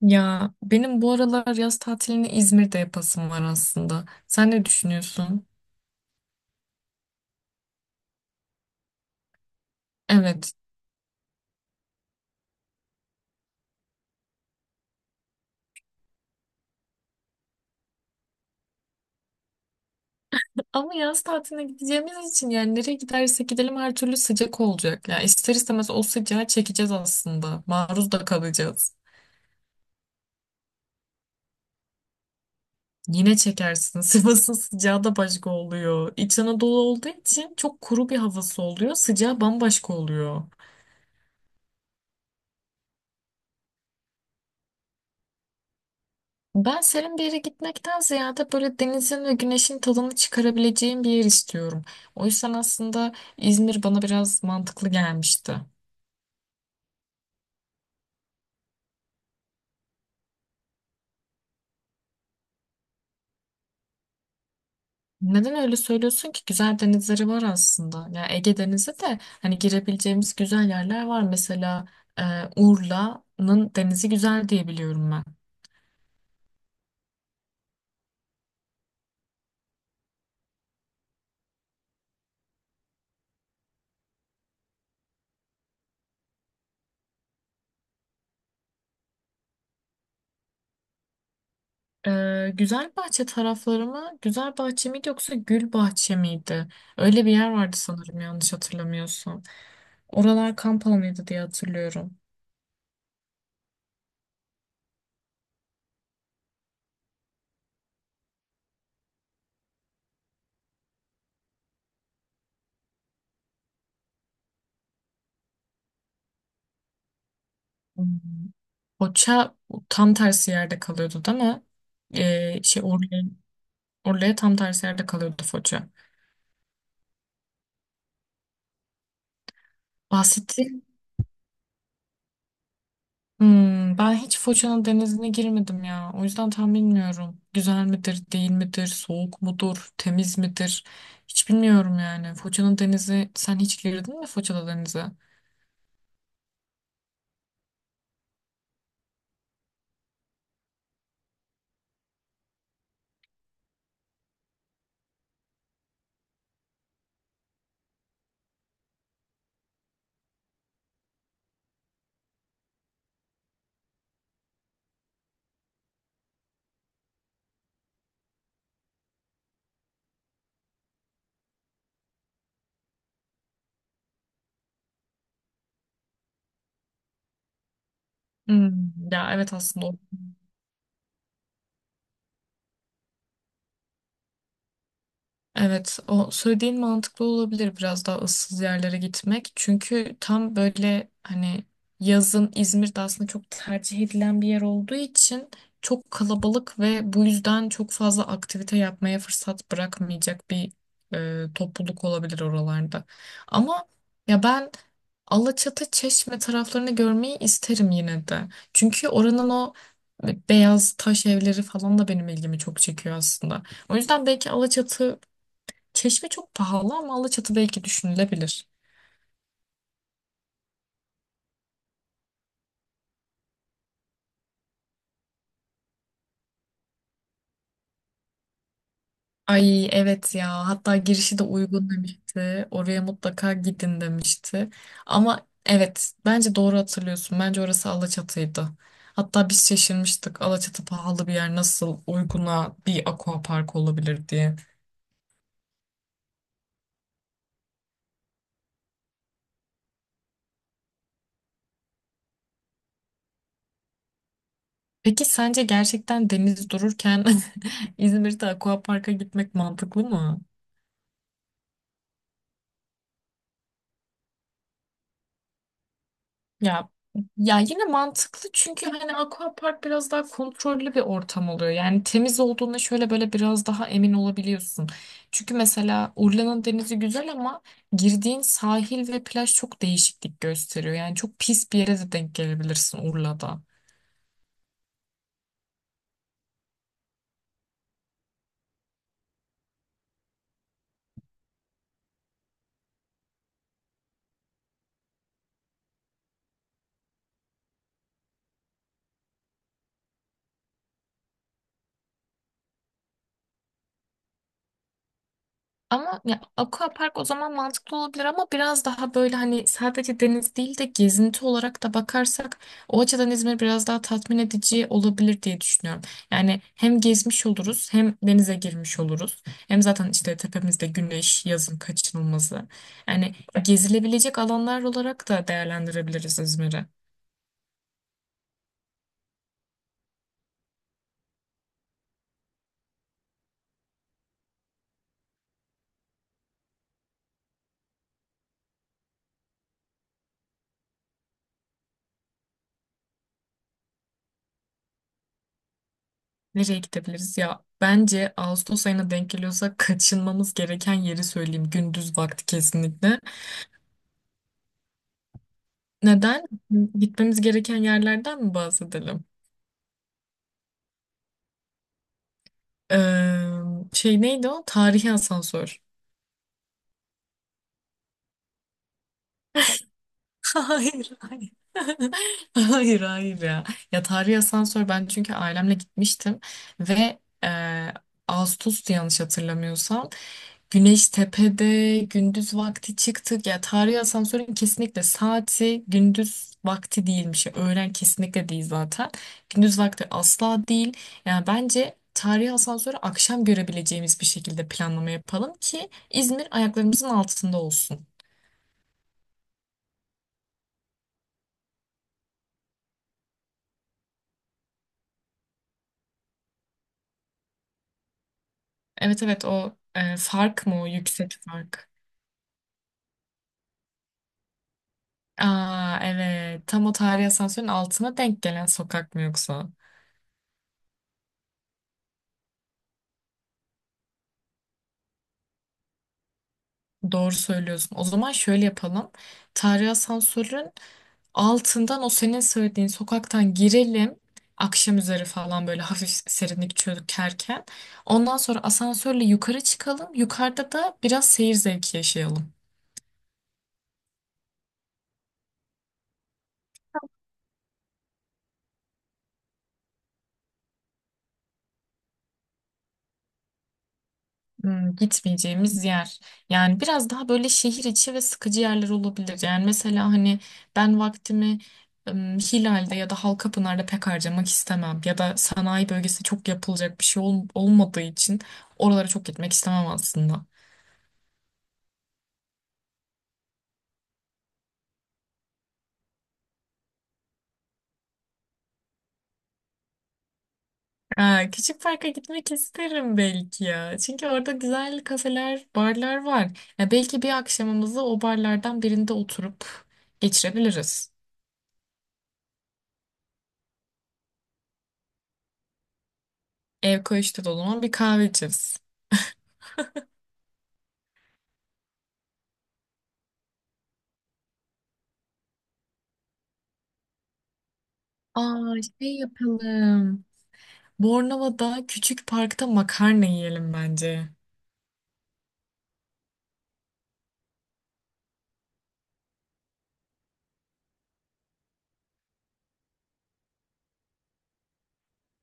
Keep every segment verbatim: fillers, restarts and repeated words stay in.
Ya benim bu aralar yaz tatilini İzmir'de yapasım var aslında. Sen ne düşünüyorsun? Evet. Ama yaz tatiline gideceğimiz için yani nereye gidersek gidelim her türlü sıcak olacak. Ya ister istemez o sıcağı çekeceğiz aslında. Maruz da kalacağız. Yine çekersin. Sivas'ın sıcağı da başka oluyor. İç Anadolu olduğu için çok kuru bir havası oluyor. Sıcağı bambaşka oluyor. Ben serin bir yere gitmekten ziyade böyle denizin ve güneşin tadını çıkarabileceğim bir yer istiyorum. O yüzden aslında İzmir bana biraz mantıklı gelmişti. Neden öyle söylüyorsun ki? Güzel denizleri var aslında. Ya Ege Denizi de hani girebileceğimiz güzel yerler var. Mesela e, Urla'nın denizi güzel diye biliyorum ben. E, Güzelbahçe tarafları mı? Güzelbahçe miydi yoksa Gülbahçe miydi? Öyle bir yer vardı sanırım yanlış hatırlamıyorsam. Oralar kamp alanıydı diye hatırlıyorum. Hmm. Foça tam tersi yerde kalıyordu değil mi? Ee, şey Urla, Urla'ya tam tersi yerde kalıyordu Foça. Bahsetti. Hmm, ben hiç Foça'nın denizine girmedim ya. O yüzden tam bilmiyorum. Güzel midir, değil midir, soğuk mudur, temiz midir? Hiç bilmiyorum yani. Foça'nın denizi, sen hiç girdin mi Foça'da denize? Hmm, ya evet aslında o- evet o söylediğin mantıklı olabilir, biraz daha ıssız yerlere gitmek. Çünkü tam böyle hani yazın İzmir'de aslında çok tercih edilen bir yer olduğu için çok kalabalık ve bu yüzden çok fazla aktivite yapmaya fırsat bırakmayacak bir e, topluluk olabilir oralarda. Ama ya ben Alaçatı, Çeşme taraflarını görmeyi isterim yine de. Çünkü oranın o e, beyaz taş evleri falan da benim ilgimi çok çekiyor aslında. O yüzden belki Alaçatı, Çeşme çok pahalı ama Alaçatı belki düşünülebilir. Ay evet ya, hatta girişi de uygun demişti. Oraya mutlaka gidin demişti. Ama evet, bence doğru hatırlıyorsun. Bence orası Alaçatı'ydı. Hatta biz şaşırmıştık, Alaçatı pahalı bir yer nasıl uyguna bir aquapark olabilir diye. Peki sence gerçekten deniz dururken İzmir'de aquaparka gitmek mantıklı mı? Ya ya yine mantıklı çünkü hani aquapark biraz daha kontrollü bir ortam oluyor. Yani temiz olduğuna şöyle böyle biraz daha emin olabiliyorsun. Çünkü mesela Urla'nın denizi güzel ama girdiğin sahil ve plaj çok değişiklik gösteriyor. Yani çok pis bir yere de denk gelebilirsin Urla'da. Ama ya aquapark o zaman mantıklı olabilir, ama biraz daha böyle hani sadece deniz değil de gezinti olarak da bakarsak o açıdan İzmir biraz daha tatmin edici olabilir diye düşünüyorum. Yani hem gezmiş oluruz hem denize girmiş oluruz. Hem zaten işte tepemizde güneş yazın kaçınılmazı. Yani gezilebilecek alanlar olarak da değerlendirebiliriz İzmir'i. Nereye gidebiliriz? Ya bence Ağustos ayına denk geliyorsa kaçınmamız gereken yeri söyleyeyim. Gündüz vakti kesinlikle. Neden? Gitmemiz gereken yerlerden mi bahsedelim? Ee, Şey neydi o? Tarihi asansör. Hayır, hayır. Hayır, hayır ya. Ya tarihi asansör, ben çünkü ailemle gitmiştim ve e, Ağustos'tu yanlış hatırlamıyorsam. Güneş tepede, gündüz vakti çıktık. Ya tarihi asansörün kesinlikle saati gündüz vakti değilmiş. Ya, öğlen kesinlikle değil zaten. Gündüz vakti asla değil. Yani bence tarihi asansörü akşam görebileceğimiz bir şekilde planlama yapalım ki İzmir ayaklarımızın altında olsun. Evet evet, o e, fark mı, o yüksek fark? Aa evet, tam o tarihi asansörün altına denk gelen sokak mı yoksa? Doğru söylüyorsun. O zaman şöyle yapalım. Tarihi asansörün altından, o senin söylediğin sokaktan girelim. Akşam üzeri falan, böyle hafif serinlik çökerken. Ondan sonra asansörle yukarı çıkalım. Yukarıda da biraz seyir zevki yaşayalım. Hmm, gitmeyeceğimiz yer. Yani biraz daha böyle şehir içi ve sıkıcı yerler olabilir. Yani mesela hani ben vaktimi ım, Hilal'de ya da Halkapınar'da pek harcamak istemem. Ya da sanayi bölgesi, çok yapılacak bir şey ol- olmadığı için oralara çok gitmek istemem aslında. Ha, küçük parka gitmek isterim belki ya. Çünkü orada güzel kafeler, barlar var. Ya belki bir akşamımızı o barlardan birinde oturup geçirebiliriz. Ev koğuşta da o zaman bir kahve içeriz. Aa, şey yapalım. Bornova'da küçük parkta makarna yiyelim bence.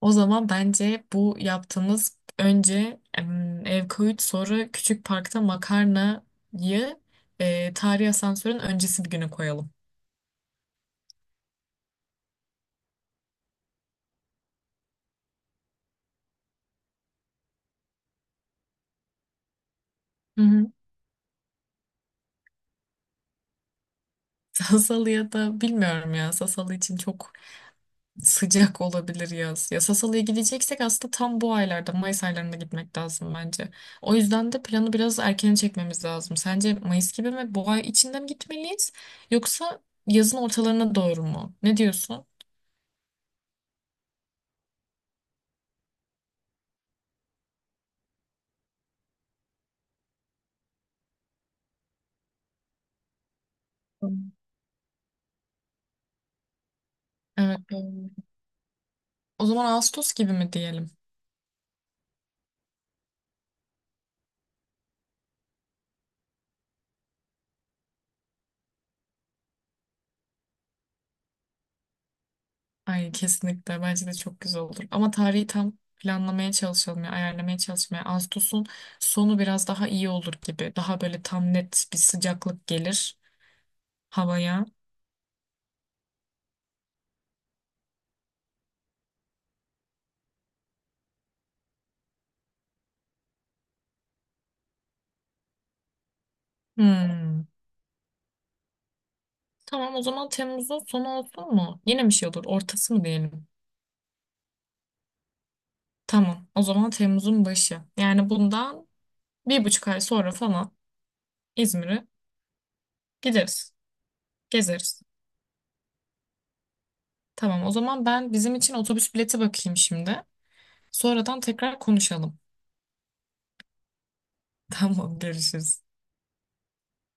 O zaman bence bu yaptığımız, önce em, ev koyut, sonra küçük parkta makarnayı e, tarihi asansörün öncesi bir güne koyalım. Hı hı. Sasalı'ya da bilmiyorum ya. Sasalı için çok sıcak olabilir yaz. Ya Sassal'a gideceksek aslında tam bu aylarda, Mayıs aylarında gitmek lazım bence. O yüzden de planı biraz erken çekmemiz lazım. Sence Mayıs gibi mi, bu ay içinde mi gitmeliyiz yoksa yazın ortalarına doğru mu? Ne diyorsun? Hmm. Evet, doğru. O zaman Ağustos gibi mi diyelim? Ay kesinlikle, bence de çok güzel olur. Ama tarihi tam planlamaya çalışalım ya, ayarlamaya çalışmaya. Ağustos'un sonu biraz daha iyi olur gibi. Daha böyle tam net bir sıcaklık gelir havaya. Hmm. Tamam, o zaman Temmuz'un sonu olsun mu? Yine bir şey olur. Ortası mı diyelim? Tamam. O zaman Temmuz'un başı. Yani bundan bir buçuk ay sonra falan İzmir'e gideriz. Gezeriz. Tamam, o zaman ben bizim için otobüs bileti bakayım şimdi. Sonradan tekrar konuşalım. Tamam, görüşürüz.